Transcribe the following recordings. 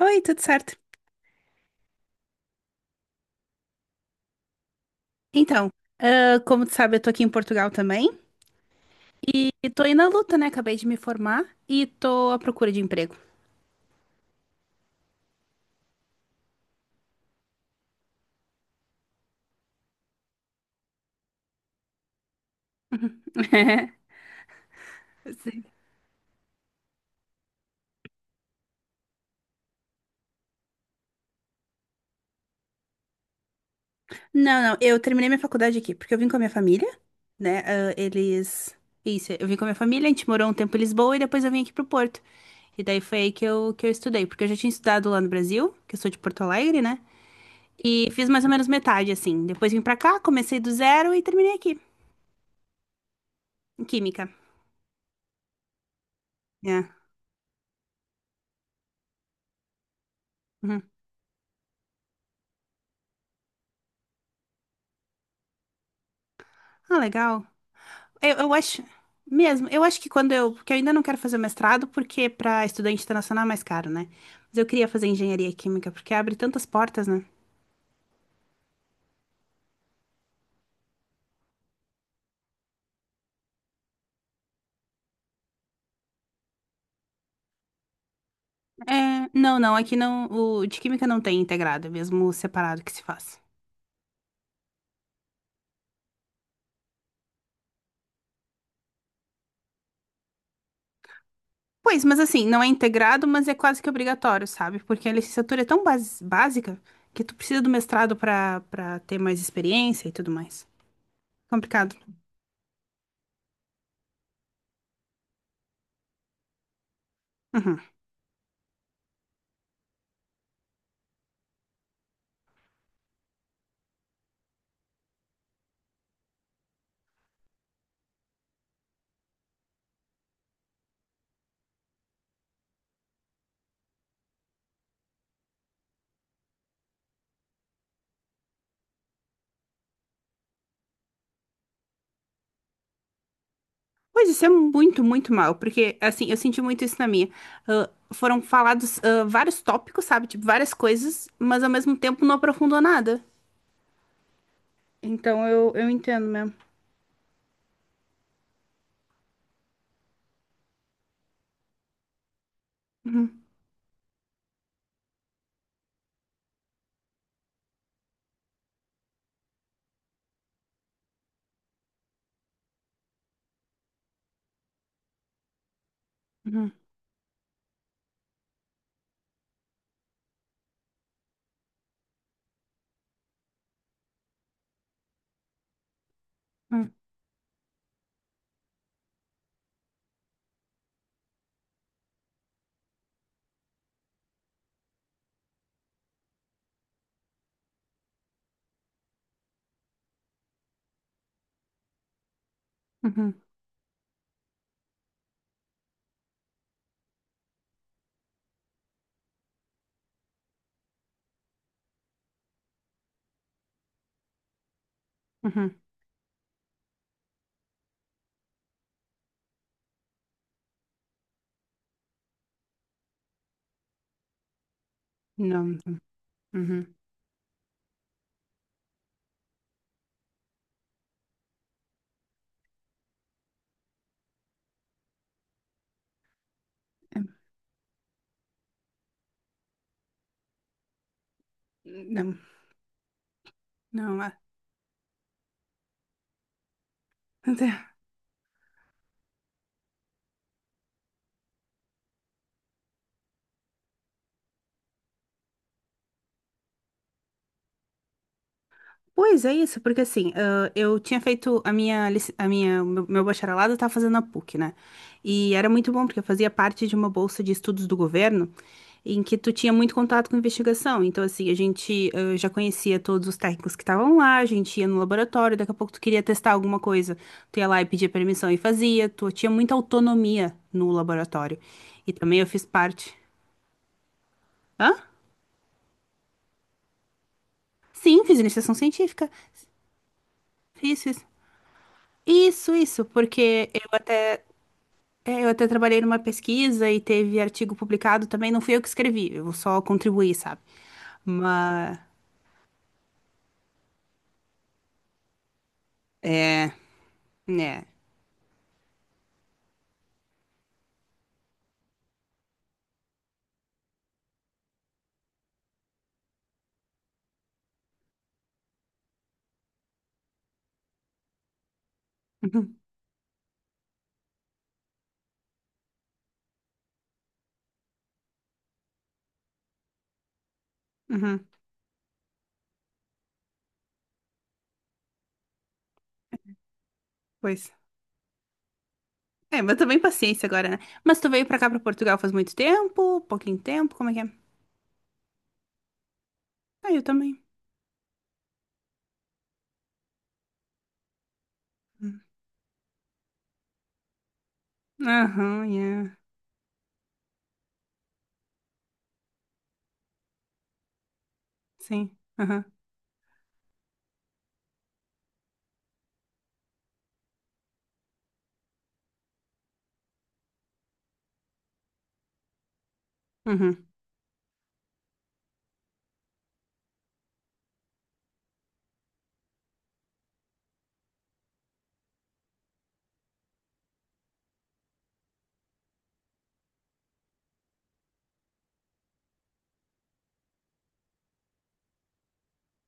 Oi, tudo certo? Então, como tu sabe, eu tô aqui em Portugal também e tô aí na luta, né? Acabei de me formar e tô à procura de emprego. Sim. Não, não, eu terminei minha faculdade aqui, porque eu vim com a minha família, né? ah, eles. Isso, eu vim com a minha família, a gente morou um tempo em Lisboa e depois eu vim aqui pro Porto. E daí foi aí que eu estudei, porque eu já tinha estudado lá no Brasil, que eu sou de Porto Alegre, né? E fiz mais ou menos metade, assim. Depois vim pra cá, comecei do zero e terminei aqui, em Química. É. Uhum. Ah, legal. Eu acho, mesmo, eu acho que quando eu, porque eu ainda não quero fazer o mestrado, porque para estudante internacional é mais caro, né? Mas eu queria fazer engenharia química, porque abre tantas portas, né? É, não, não, aqui não, o de química não tem integrado, é mesmo separado que se faz. Pois, mas assim, não é integrado, mas é quase que obrigatório, sabe? Porque a licenciatura é tão básica que tu precisa do mestrado para ter mais experiência e tudo mais. Complicado. Uhum. Pois isso é muito, muito mal, porque assim, eu senti muito isso na minha. Foram falados vários tópicos, sabe? Tipo, várias coisas, mas ao mesmo tempo não aprofundou nada. Então eu entendo mesmo. Uhum, uhum, uhum, uhum, uhum. Não, não, uhum. É. Não, não, ah. Pois é isso, porque assim, eu tinha feito a minha, a minha, meu bacharelado eu tava fazendo na PUC, né? E era muito bom, porque eu fazia parte de uma bolsa de estudos do governo, em que tu tinha muito contato com investigação. Então, assim, a gente já conhecia todos os técnicos que estavam lá, a gente ia no laboratório, daqui a pouco tu queria testar alguma coisa, tu ia lá e pedia permissão e fazia, tu tinha muita autonomia no laboratório. E também eu fiz parte. Hã? Sim, fiz iniciação científica. Fiz, fiz. Isso, porque eu. É, eu até trabalhei numa pesquisa e teve artigo publicado também. Não fui eu que escrevi, eu só contribuí, sabe? Mas. É. Né. Uhum, uhum, pois. É, mas também paciência agora, né? Mas tu veio pra cá, pra Portugal, faz muito tempo? Pouquinho tempo? Como é que é? Ah, eu também. Hum. Aham, yeah. Sim. Aham. Uhum,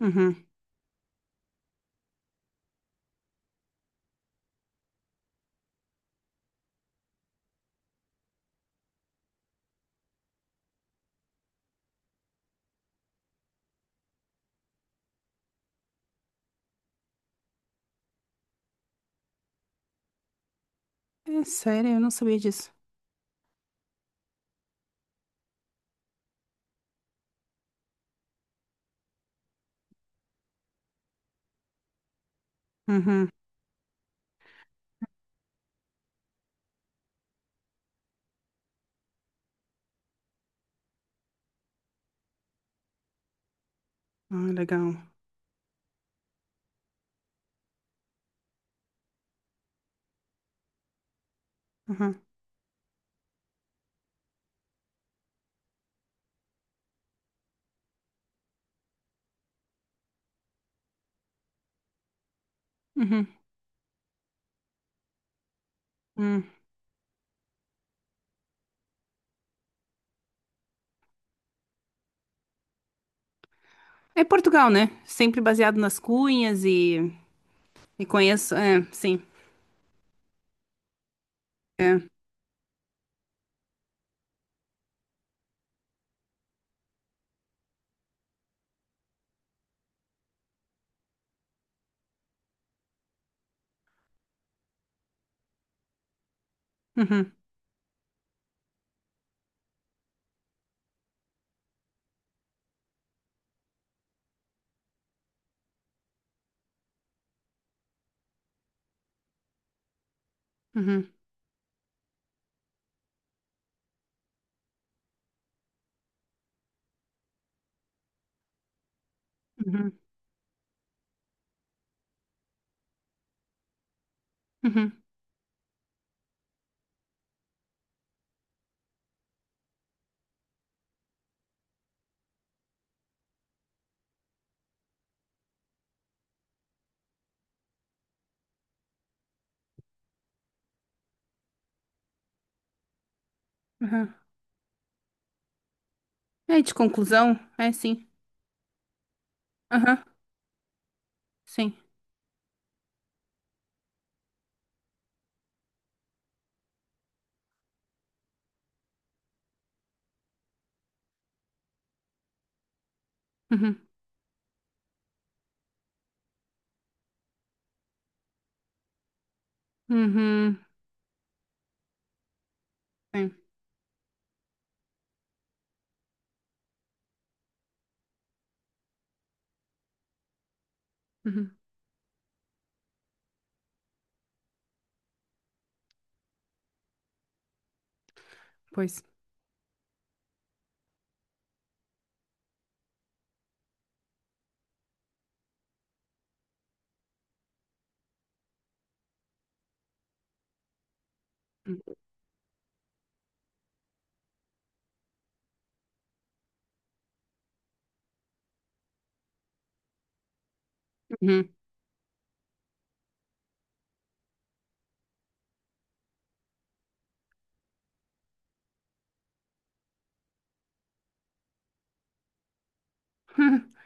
uhum. É sério, eu não sabia disso. Uhum. Ah, legal. Uhum, uhum, uhum. É Portugal, né? Sempre baseado nas cunhas e. E conheço. É, sim. É. Uhum, uhum, uhum, uhum, uhum. É de conclusão? É, sim. Aham, sim. Uhum, uhum, sim. Uhum, pois. Uhum.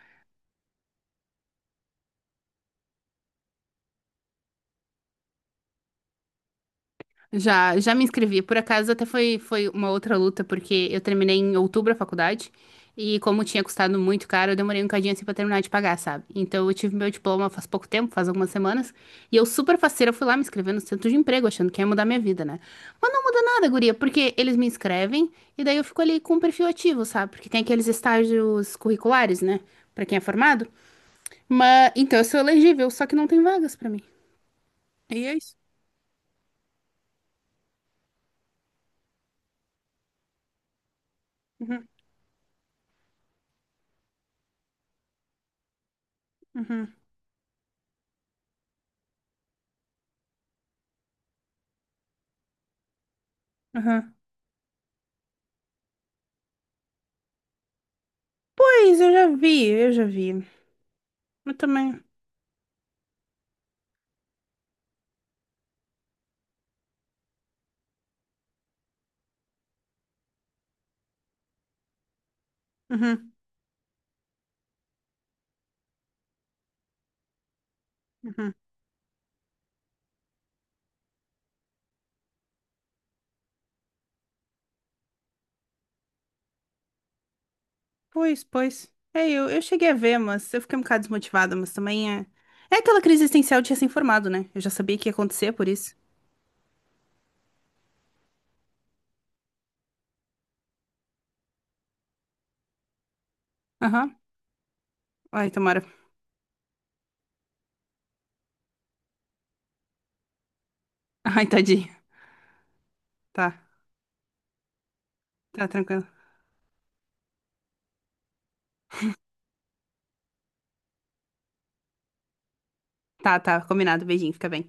Já, já me inscrevi. Por acaso, até foi, foi uma outra luta, porque eu terminei em outubro a faculdade. E como tinha custado muito caro, eu demorei um cadinho assim pra terminar de pagar, sabe? Então eu tive meu diploma faz pouco tempo, faz algumas semanas. E eu super faceira fui lá me inscrever no centro de emprego, achando que ia mudar minha vida, né? Mas não muda nada, guria, porque eles me inscrevem e daí eu fico ali com o perfil ativo, sabe? Porque tem aqueles estágios curriculares, né? Pra quem é formado. Mas então eu sou elegível, só que não tem vagas pra mim. E é isso. Uhum, uhum, uhum. Pois, eu já vi, eu já vi. Eu também. Uhum, uhum. Pois, pois. É, eu cheguei a ver, mas eu fiquei um bocado desmotivada, mas também é. É aquela crise existencial de recém informado né? Eu já sabia que ia acontecer, por isso. Aham. Ai, tomara. Ai, tadinho. Tá, tá tranquilo. Tá, tá, combinado. Beijinho, fica bem.